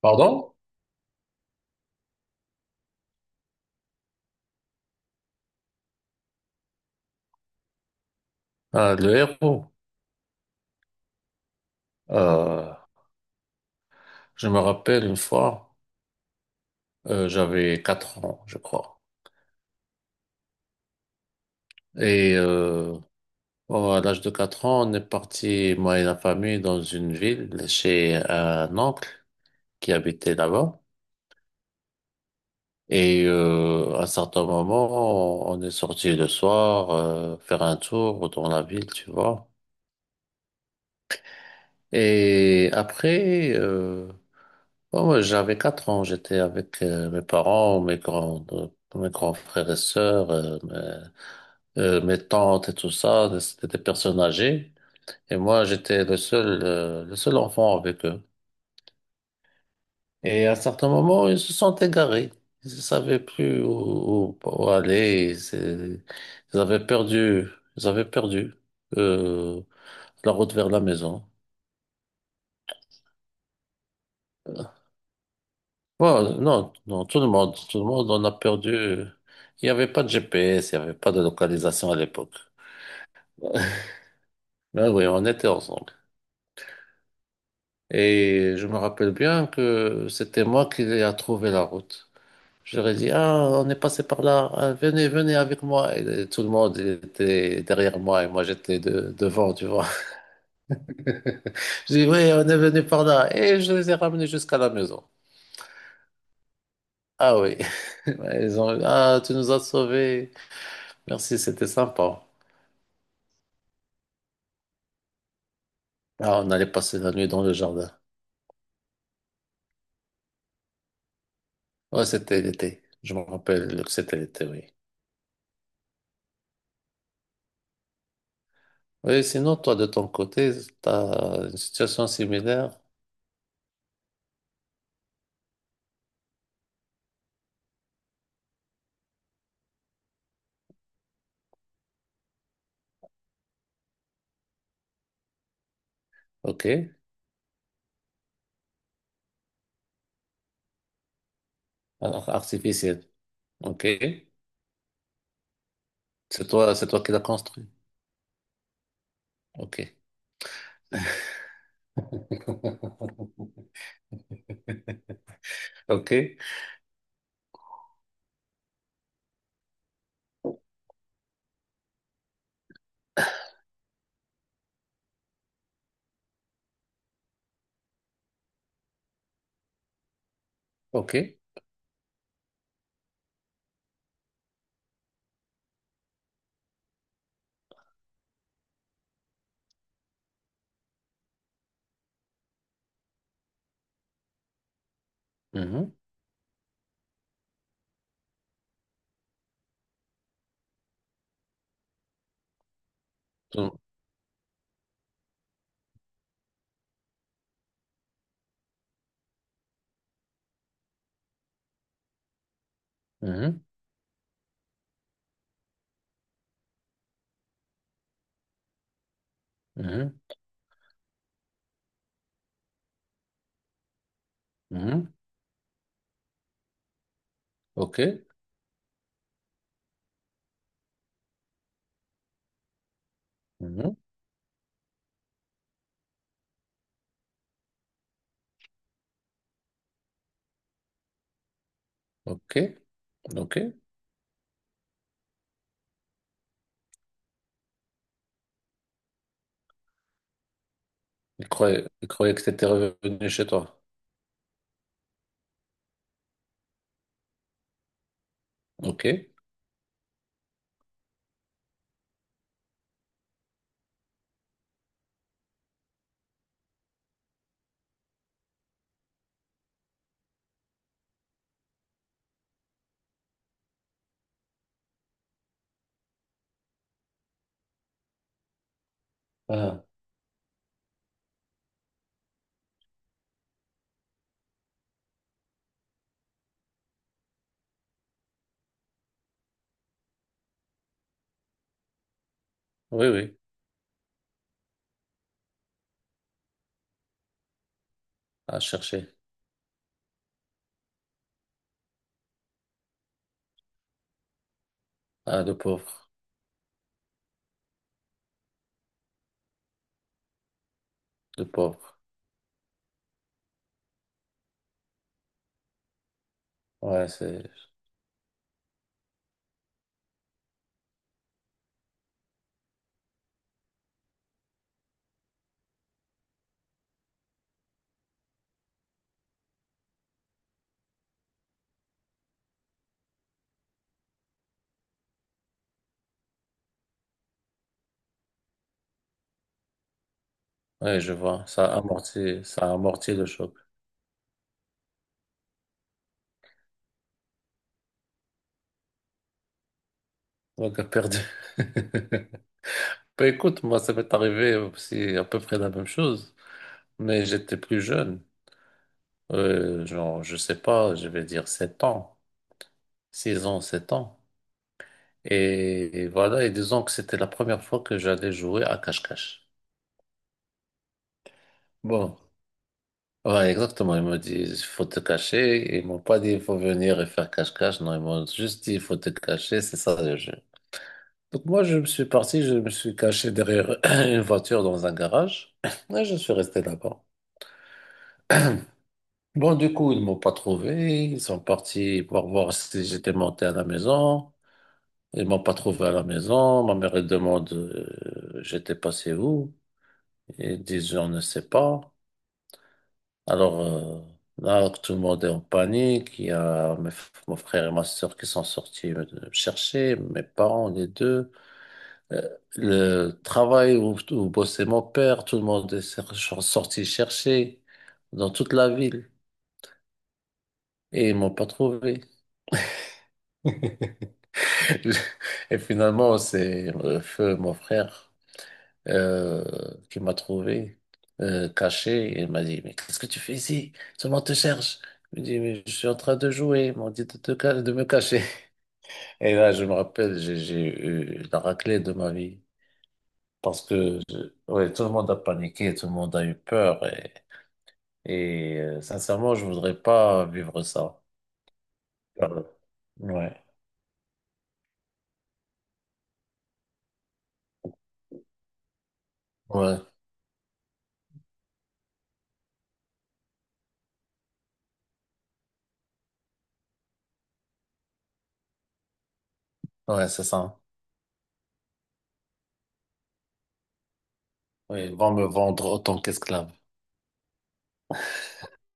Pardon? Ah, le héros. Euh, je me rappelle une fois, j'avais 4 ans, je crois. Et euh, oh, à l'âge de 4 ans, on est parti, moi et la famille, dans une ville chez un oncle qui habitait là-bas. À un certain moment, on est sorti le soir faire un tour dans la ville, tu vois. Et après, ouais, ouais, j'avais quatre ans, j'étais avec mes parents, mes grands frères et sœurs, mes tantes et tout ça, c'était des personnes âgées. Et moi, j'étais le seul enfant avec eux. Et à un certain moment, ils se sont égarés. Ils ne savaient plus où aller. Ils avaient perdu euh, la route vers la maison. Bon, non, non, tout le monde en a perdu. Il n'y avait pas de GPS, il n'y avait pas de localisation à l'époque. Mais oui, on était ensemble. Et je me rappelle bien que c'était moi qui ai trouvé la route. Je leur ai dit, ah, on est passé par là, ah, venez, venez avec moi. Et tout le monde il était derrière moi et moi j'étais devant, tu vois. Je dis, oui, on est venu par là. Et je les ai ramenés jusqu'à la maison. Ah oui. Ils ont, ah, tu nous as sauvés. Merci, c'était sympa. Ah, on allait passer la nuit dans le jardin. Ouais, c'était l'été. Je me rappelle que c'était l'été, oui. Oui, sinon, toi, de ton côté, t'as une situation similaire. OK. Alors, artificielle. OK. C'est toi qui l'as construit. OK. OK. OK. Mhm. Mhm. Mhm. Mhm. OK. Mhm. OK. OK. Il croyait que t'étais revenu chez toi. OK. Ah, oui, oui. À chercher. Ah, le pauvre. Le pauvre. Ouais, c'est, ouais, je vois. Ça amortit le choc. Donc, a perdu. Bah, écoute, moi, ça m'est arrivé aussi à peu près la même chose, mais j'étais plus jeune. Genre, je sais pas, je vais dire 7 ans, 6 ans, 7 ans. Et voilà, et disons que c'était la première fois que j'allais jouer à cache-cache. Bon, ouais, exactement. Ils m'ont dit, il faut te cacher. Ils m'ont pas dit, il faut venir et faire cache-cache. Non, ils m'ont juste dit, il faut te cacher. C'est ça. Donc moi, je me suis parti, je me suis caché derrière une voiture dans un garage et je suis resté là-bas. Bon, du coup, ils m'ont pas trouvé. Ils sont partis pour voir si j'étais monté à la maison. Ils m'ont pas trouvé à la maison. Ma mère, elle demande, j'étais passé où? Ils disent, on ne sait pas. Alors, là, tout le monde est en panique. Il y a mon frère et ma soeur qui sont sortis me chercher, mes parents, les deux. Le travail où, où bossait mon père, tout le monde est sorti chercher dans toute la ville et ils m'ont pas trouvé. Et finalement, c'est Feu, mon frère, euh, qui m'a trouvé caché et il m'a dit, mais qu'est-ce que tu fais ici? Tout le monde te cherche. Je lui dis, mais je suis en train de jouer. Ils m'ont dit de, de me cacher. Et là, je me rappelle, j'ai eu la raclée de ma vie parce que ouais, tout le monde a paniqué, tout le monde a eu peur. Et sincèrement, je voudrais pas vivre ça. Pardon. Ouais, ouais, ouais, c'est ça. Oui, ils vont me vendre autant qu'esclave.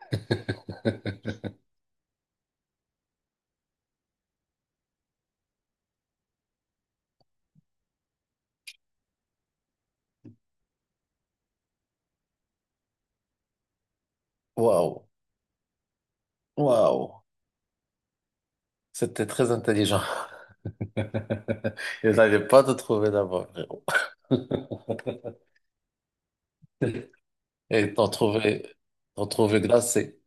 Waouh, waouh, c'était très intelligent. Ils n'avaient pas de trouver d'abord, frérot. Et t'en trouver glacé.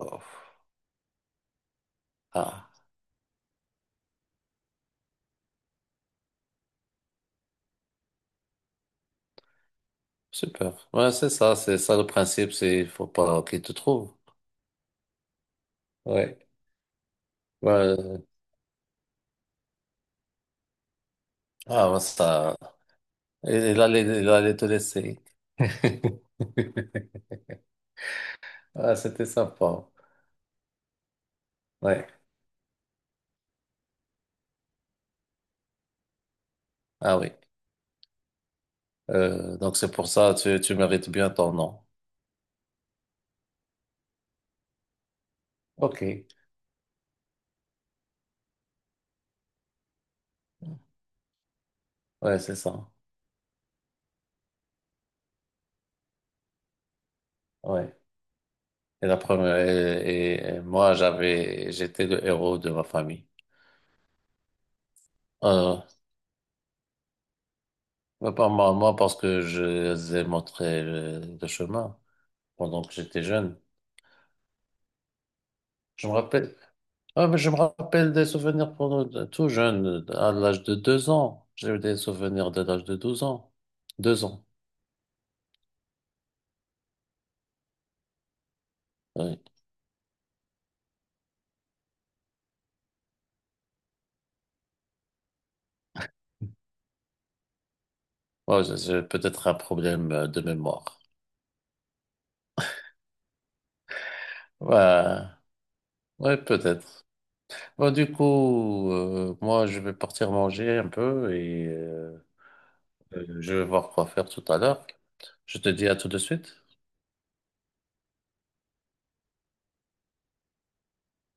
Oh. Ah. Super. Ouais, c'est ça le principe, c'est il faut pas qu'il te trouve. Ouais. Ouais. Ah, ouais, ça. Il allait te laisser. Ah, c'était sympa. Ouais. Ah oui. Donc c'est pour ça, tu mérites bien ton nom. Ok. Ouais, c'est ça. Ouais. Et la première, et moi, j'avais, j'étais le héros de ma famille. Euh, mais pas moi, moi, parce que je les ai montré le chemin pendant que j'étais jeune. Je me rappelle. Ah, mais je me rappelle des souvenirs pour nous, tout jeune, à l'âge de deux ans. J'ai eu des souvenirs de l'âge de 12 ans. Deux ans, oui. Ouais, j'ai peut-être un problème de mémoire. Ouais, ouais, peut-être. Bon, du coup, moi, je vais partir manger un peu et je vais voir quoi faire tout à l'heure. Je te dis à tout de suite.